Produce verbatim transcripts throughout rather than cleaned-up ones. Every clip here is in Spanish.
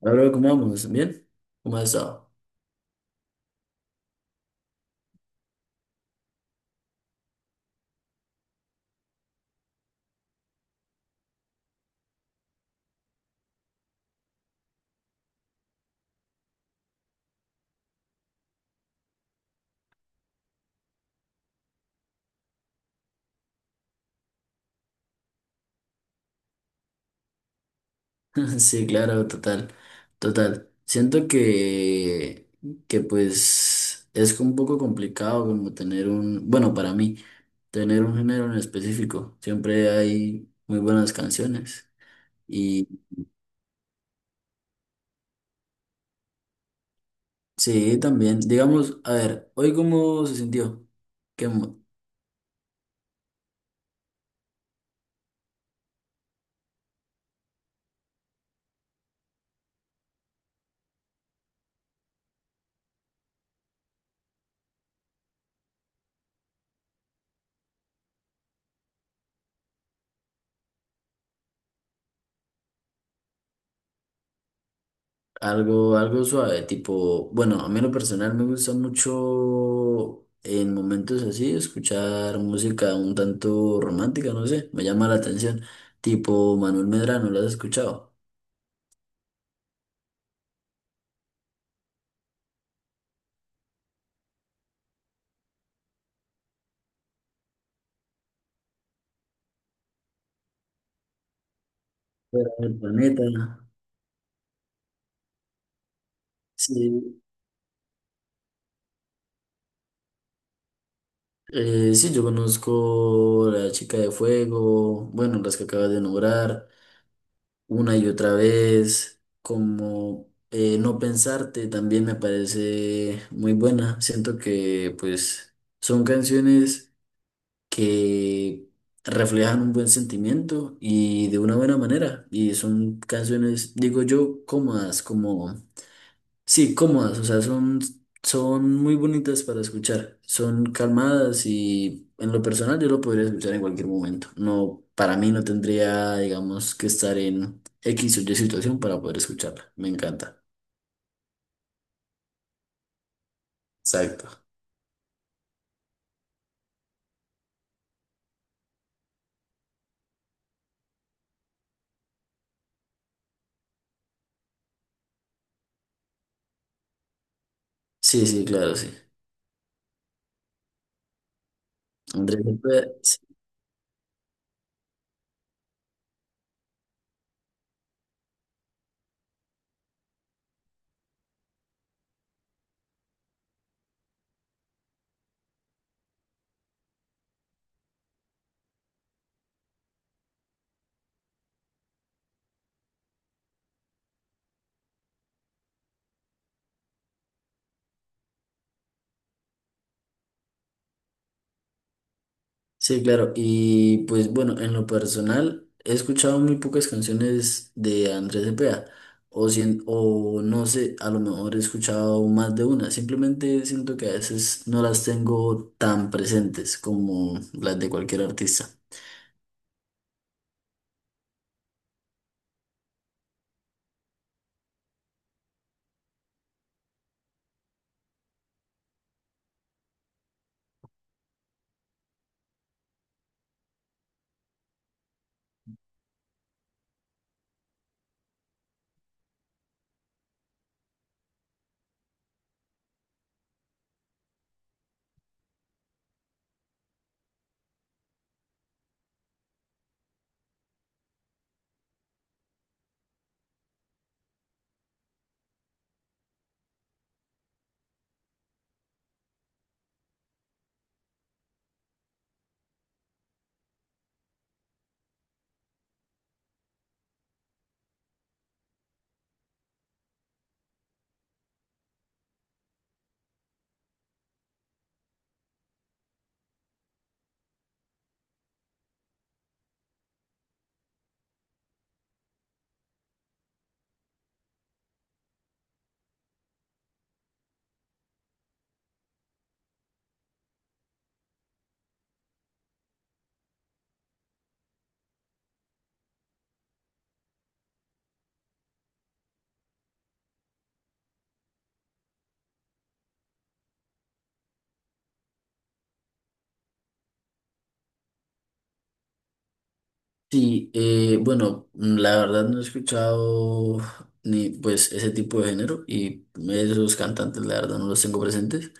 Hola, bro, ¿cómo vamos? ¿Bien? ¿Cómo has estado? Sí, claro, total, total. Siento que, que pues es un poco complicado como tener un, bueno, para mí, tener un género en específico. Siempre hay muy buenas canciones. Y sí, también, digamos, a ver, ¿hoy cómo se sintió? ¿Qué, Algo, algo suave, tipo, bueno, a mí en lo personal me gusta mucho en momentos así escuchar música un tanto romántica, no sé, me llama la atención, tipo Manuel Medrano, ¿lo has escuchado? Fuera del planeta. Sí, eh, sí, yo conozco La Chica de Fuego, bueno, las que acabas de nombrar, una y otra vez, como eh, No Pensarte también me parece muy buena, siento que pues son canciones que reflejan un buen sentimiento y de una buena manera. Y son canciones, digo yo, cómodas, como, sí, cómodas, o sea, son, son muy bonitas para escuchar, son calmadas y en lo personal yo lo podría escuchar en cualquier momento. No, para mí no tendría, digamos, que estar en X o Y situación para poder escucharla. Me encanta. Exacto. Sí, sí, claro, sí. Andrés. Sí, claro. Y pues bueno, en lo personal, he escuchado muy pocas canciones de Andrés Cepeda. O, sien- o no sé, a lo mejor he escuchado más de una. Simplemente siento que a veces no las tengo tan presentes como las de cualquier artista. Sí, eh, bueno, mm, la verdad no he escuchado ni pues ese tipo de género y esos cantantes la verdad no los tengo presentes.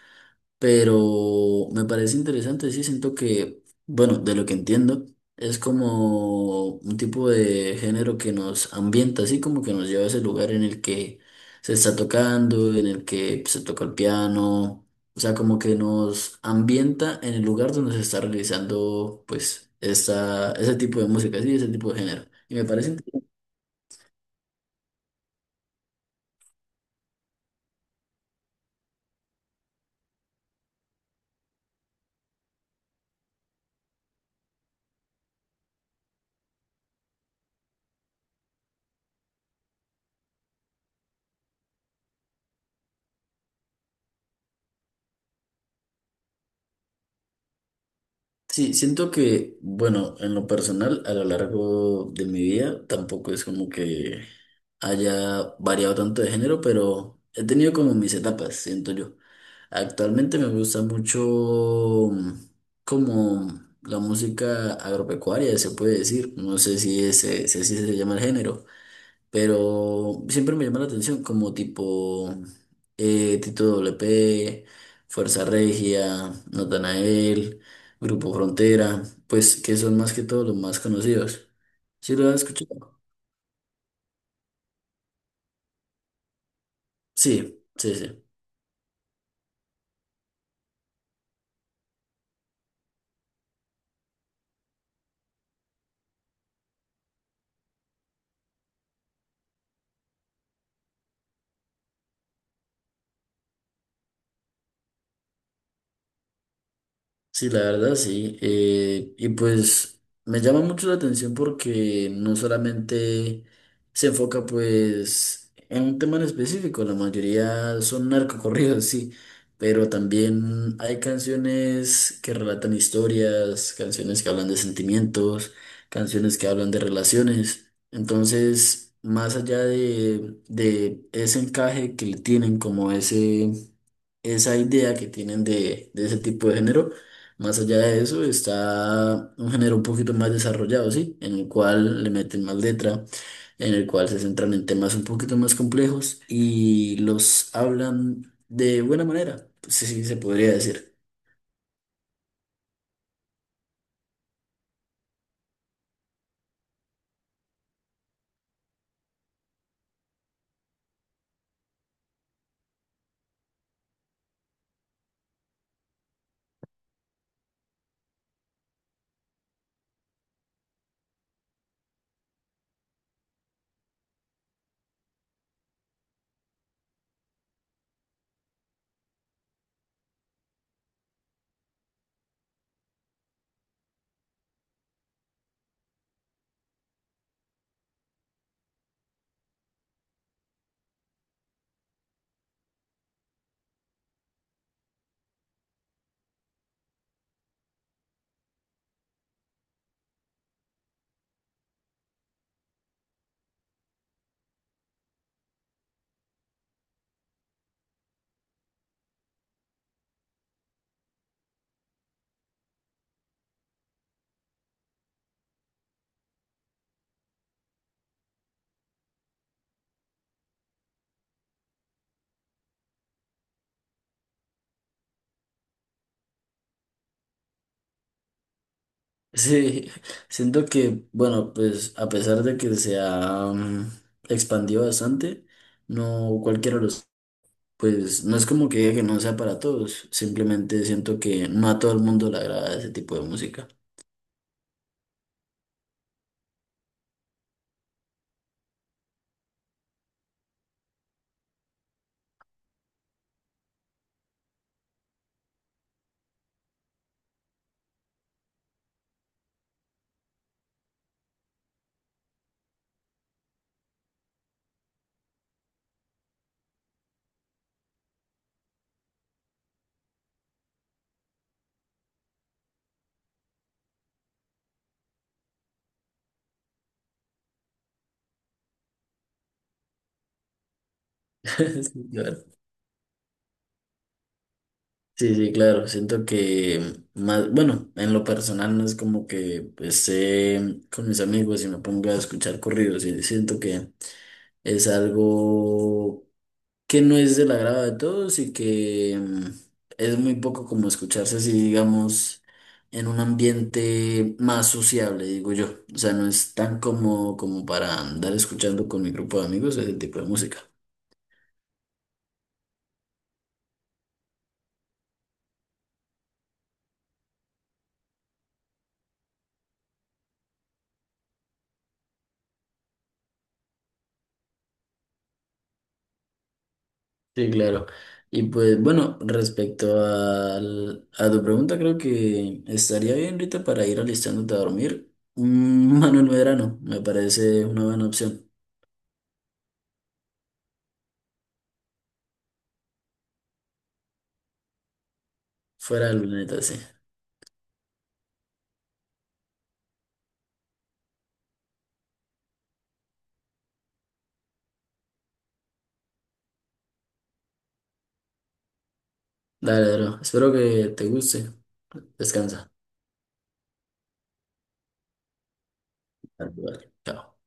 Pero me parece interesante, sí, siento que, bueno, de lo que entiendo, es como un tipo de género que nos ambienta, así como que nos lleva a ese lugar en el que se está tocando, en el que se toca el piano, o sea, como que nos ambienta en el lugar donde se está realizando, pues, esa, ese tipo de música, sí, ese tipo de género. Y me parece interesante. Sí, siento que, bueno, en lo personal, a lo largo de mi vida, tampoco es como que haya variado tanto de género, pero he tenido como mis etapas, siento yo. Actualmente me gusta mucho mm, como la música agropecuaria, se puede decir. No sé si ese, si así se llama el género, pero siempre me llama la atención como tipo eh, tito doble pe, Fuerza Regia, Natanael, Grupo Frontera, pues que son más que todo los más conocidos. ¿Sí lo has escuchado? Sí, sí, sí. Sí, la verdad, sí. Eh, y pues me llama mucho la atención porque no solamente se enfoca pues en un tema en específico, la mayoría son narcocorridos, sí, pero también hay canciones que relatan historias, canciones que hablan de sentimientos, canciones que hablan de relaciones. Entonces, más allá de, de ese encaje que le tienen como ese esa idea que tienen de, de ese tipo de género. Más allá de eso, está un género un poquito más desarrollado, ¿sí? En el cual le meten más letra, en el cual se centran en temas un poquito más complejos y los hablan de buena manera, pues sí, se podría decir. Sí, siento que, bueno, pues a pesar de que se ha mm, expandido bastante, no cualquiera lo. Pues no es como que diga que no sea para todos, simplemente siento que no a todo el mundo le agrada ese tipo de música. Sí, claro. Sí, sí, claro, siento que más, bueno, en lo personal no es como que pues, esté con mis amigos y me ponga a escuchar corridos, y siento que es algo que no es del agrado de todos y que mm, es muy poco como escucharse así, digamos, en un ambiente más sociable, digo yo. O sea, no es tan como, como para andar escuchando con mi grupo de amigos ese tipo de música. Sí, claro. Y pues bueno, respecto al- a tu pregunta, creo que estaría bien, Rita, para ir alistándote a dormir. Mm, Manuel Medrano, me parece una buena opción. Fuera del planeta, sí. Dale, bro. Espero que te guste. Descansa. Tal cual. Chao.